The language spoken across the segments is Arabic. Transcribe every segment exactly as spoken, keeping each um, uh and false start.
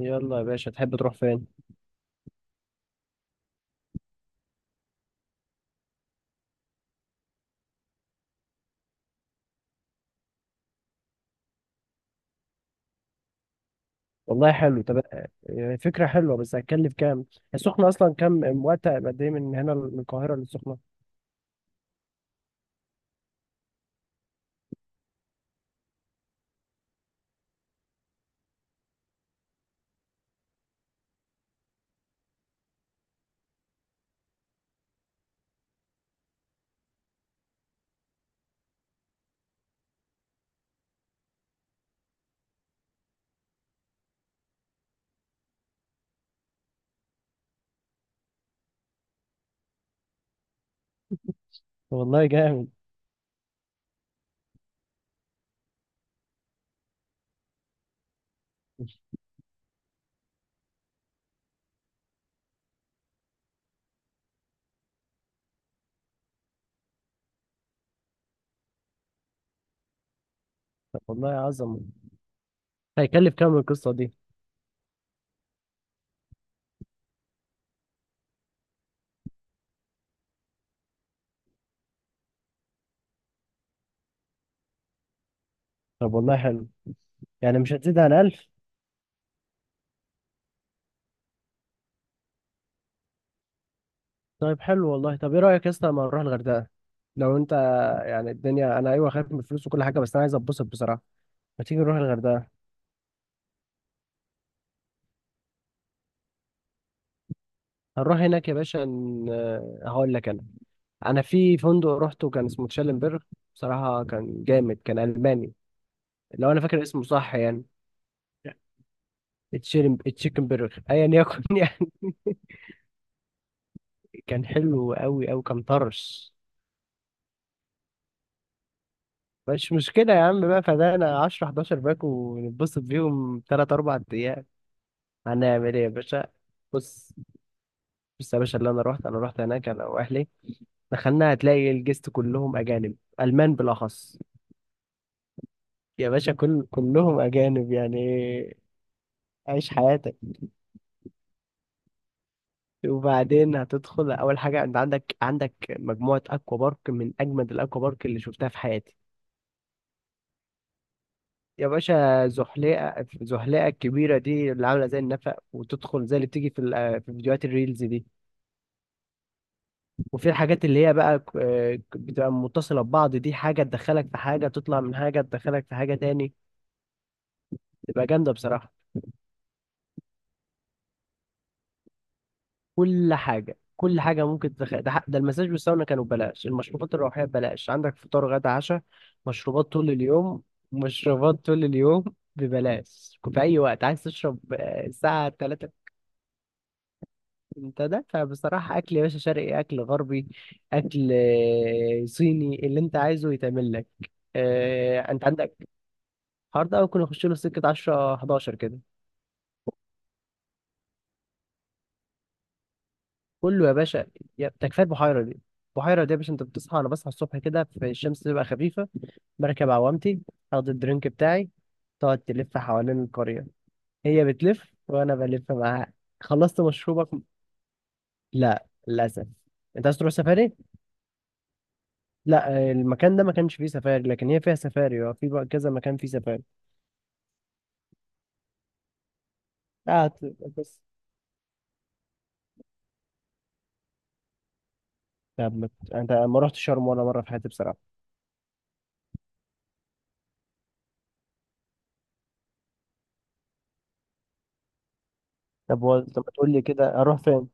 يلا يا باشا، تحب تروح فين؟ والله حلو. طب آه، فكرة حلوة بس هتكلف كام؟ السخنة أصلا كام؟ وقت قد إيه من هنا، من القاهرة للسخنة؟ والله جامد. طب والله عظمة. هيكلف كام القصة دي؟ طب والله حلو. يعني مش هتزيد عن ألف. طيب حلو والله. طب إيه رأيك يا اسطى لما نروح الغردقة؟ لو أنت، يعني الدنيا أنا أيوه، خايف من الفلوس وكل حاجة بس أنا عايز أتبسط بصراحة. ما تيجي نروح الغردقة؟ هنروح هناك يا باشا ن- آه، هقول لك أنا. أنا في فندق روحته كان اسمه تشالنبرغ. بصراحة كان جامد، كان ألماني. لو انا فاكر اسمه صح يعني. تشيكن تشيكن برجر ايا يكن يعني. كان حلو قوي او كان طرش؟ مش مشكله يا عم، بقى فدانا عشرة أحد عشر باك ونتبسط بيهم تلاتة اربعة ايام. هنعمل ايه يا باشا؟ بص. بص يا باشا، اللي انا رحت انا رحت هناك انا واهلي. دخلنا هتلاقي الجست كلهم اجانب، المان بالاخص. يا باشا كل كلهم اجانب يعني. عيش حياتك. وبعدين هتدخل اول حاجه، انت عندك عندك مجموعه اكوا بارك من اجمد الاكوا بارك اللي شفتها في حياتي. يا باشا زحليقة، زحليقة الكبيرة دي اللي عاملة زي النفق، وتدخل زي اللي بتيجي في ال- آه، في فيديوهات الريلز دي. وفي الحاجات اللي هي بقى ك- آه، بتبقى متصلة ببعض، دي حاجة تدخلك في حاجة، تطلع من حاجة تدخلك في حاجة تاني. تبقى جامدة بصراحة. كل حاجة، كل حاجة ممكن تدخل ده. ح- ده المساج والساونا كانوا ببلاش، المشروبات الروحية ببلاش، عندك فطار غدا عشاء. مشروبات طول اليوم. مشروبات طول اليوم. ببلاش في أي وقت عايز تشرب آه، الساعة. انت دافع بصراحة. اكل يا باشا شرقي، اكل غربي. اكل آه، صيني، اللي انت عايزه يتعمل لك. آه، انت عندك الحوار ده ممكن يخش له سكة عشرة أحد عشر كده. كله يا باشا. يا ده كفاية البحيرة دي. البحيرة دي يا باشا، انت بتصحى انا بصحى الصبح كده في الشمس تبقى خفيفة. بركب عوامتي. اخد الدرينك بتاعي. تقعد تلف حوالين القرية. هي بتلف وانا بلف معاها. خلصت مشروبك. لا للاسف. انت عايز تروح سفاري؟ لا، المكان ده ما كانش فيه سفاري لكن هي فيها سفاري. اه، في بقى كذا مكان فيه سفاري. قعدت بس. طب ما ت- انت ما رحت شرم ولا مره في حياتي بصراحه. طب و... طب ما تقول لي كده اروح فين.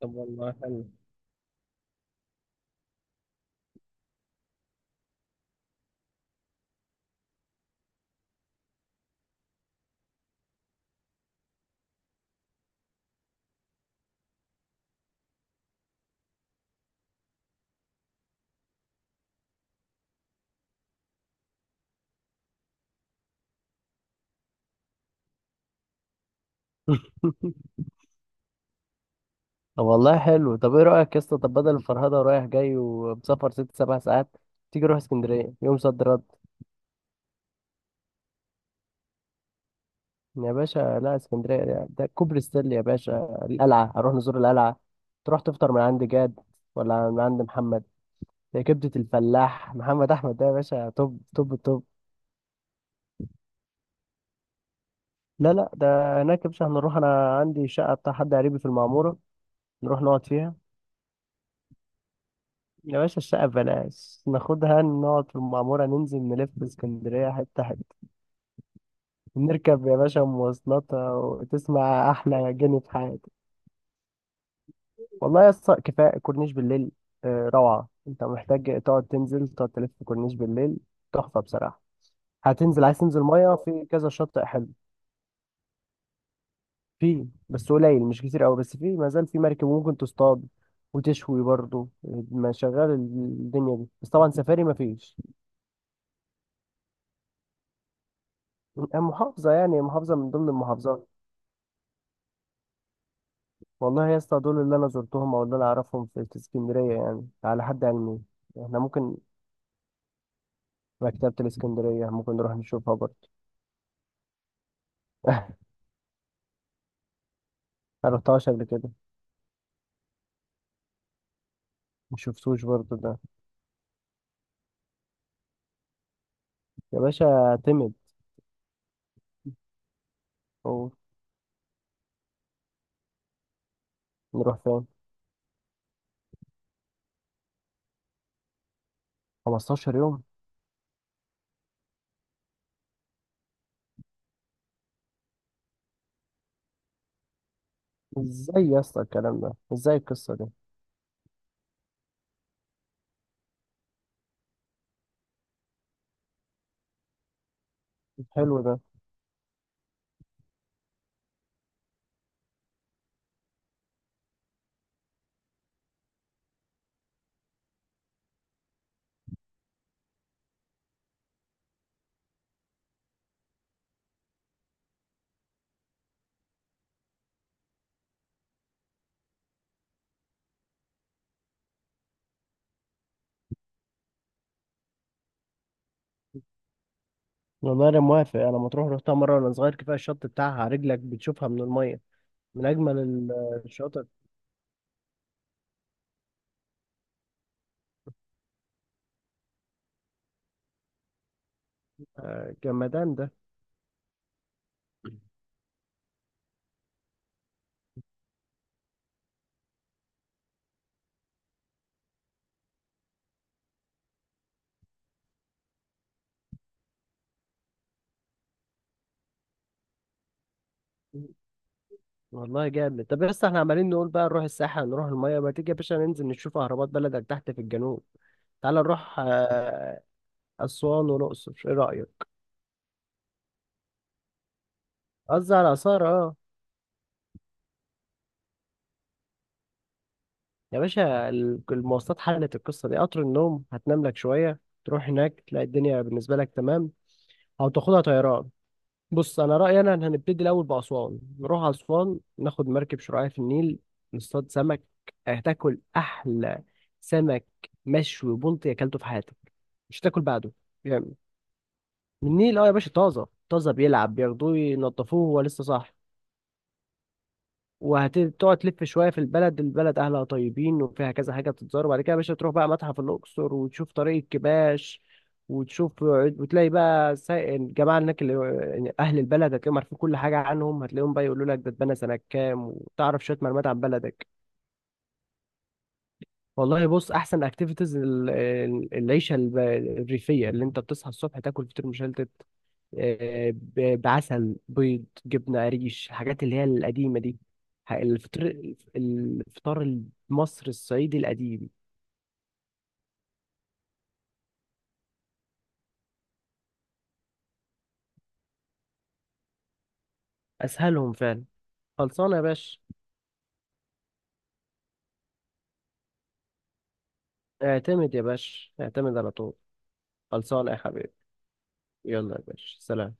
طب والله حلو. طب والله حلو. طب ايه رأيك يا اسطى، طب بدل الفرهدة ورايح جاي ومسافر ست سبع ساعات، تيجي نروح اسكندرية يوم صد رد؟ يا باشا لا، اسكندرية ده, ده كوبري ستانلي يا باشا، القلعة هنروح نزور القلعة. تروح تفطر من عند جاد، ولا من عند محمد. ده كبدة الفلاح محمد أحمد ده يا باشا، توب توب توب. لا لا، ده هناك يا باشا، هنروح، انا عندي شقه بتاع حد قريبي في المعموره. نروح نقعد فيها. يا باشا الشقه ببلاش، ناخدها نقعد في المعموره، ننزل نلف في اسكندريه حته حته. نركب يا باشا مواصلات وتسمع احلى جنة في حياتك. والله يا اسطى كفايه كورنيش بالليل. آه، روعه، انت محتاج تقعد تنزل تقعد تلف في كورنيش بالليل. تحفه بصراحه. هتنزل، عايز تنزل ميه في كذا شاطئ حلو. في بس قليل مش كتير قوي، بس في ما زال في مركب وممكن تصطاد وتشوي برضه. ما شغال الدنيا دي، بس طبعا سفاري ما فيش. محافظة يعني، محافظة من ضمن المحافظات. والله يا اسطى دول اللي انا زرتهم او اللي انا اعرفهم في في اسكندرية يعني، على حد علمي. احنا ممكن، مكتبة الاسكندرية ممكن نروح نشوفها برضه. ما رحتهاش قبل كده. ما شفتوش برضه ده يا باشا. تمد أو. نروح فين؟ 15 يوم. ازاي يا اسطى الكلام ده، ازاي القصة دي؟ حلو ده. والله انا موافق. انا مطروح رحتها مره وانا صغير، كفايه الشط بتاعها رجلك بتشوفها من الميه. من اجمل ال- الشواطئ. آه، جمدان ده. والله جامد. طب بس احنا عمالين نقول بقى نروح الساحل، نروح الميه. ما تيجي يا باشا ننزل نشوف اهرامات بلدك تحت في الجنوب؟ تعال نروح آه، اسوان والاقصر، ايه رايك؟ قصدي على اثار، اه. يا باشا ال- المواصلات حلت القصه دي، قطر النوم هتنام لك شويه تروح هناك تلاقي الدنيا بالنسبه لك تمام، او تاخدها طيران. بص انا رايي انا إن هنبتدي الاول باسوان، نروح اسوان ناخد مركب شراعية في النيل، نصطاد سمك. هتاكل احلى سمك مشوي بلطي اكلته في حياتك، مش هتاكل بعده. يعني من النيل اه يا باشا، طازه طازه، بيلعب بياخدوه ينضفوه هو لسه صاحي. وهتقعد تلف شويه في البلد، البلد اهلها طيبين وفيها كذا حاجه بتتزار. وبعد كده يا باشا تروح بقى متحف الاقصر وتشوف طريق الكباش، وتشوف وتلاقي بقى سا- الجماعه هناك اللي يعني اهل البلد، هتلاقيهم عارفين كل حاجه عنهم، هتلاقيهم بقى يقولوا لك ده اتبنى سنه كام وتعرف شويه معلومات عن بلدك. والله بص احسن اكتيفيتيز العيشه الب- الريفيه اللي انت بتصحى الصبح تاكل فطير مشلتت، آه، ب- بعسل بيض جبنة قريش، الحاجات اللي هي القديمة دي. ح- الفطر الفطار المصري الصعيدي القديم. أسهلهم فعلا. خلصانة يا باشا. اعتمد يا باشا، اعتمد على طول. خلصانة يا حبيبي. يلا يا باشا سلام.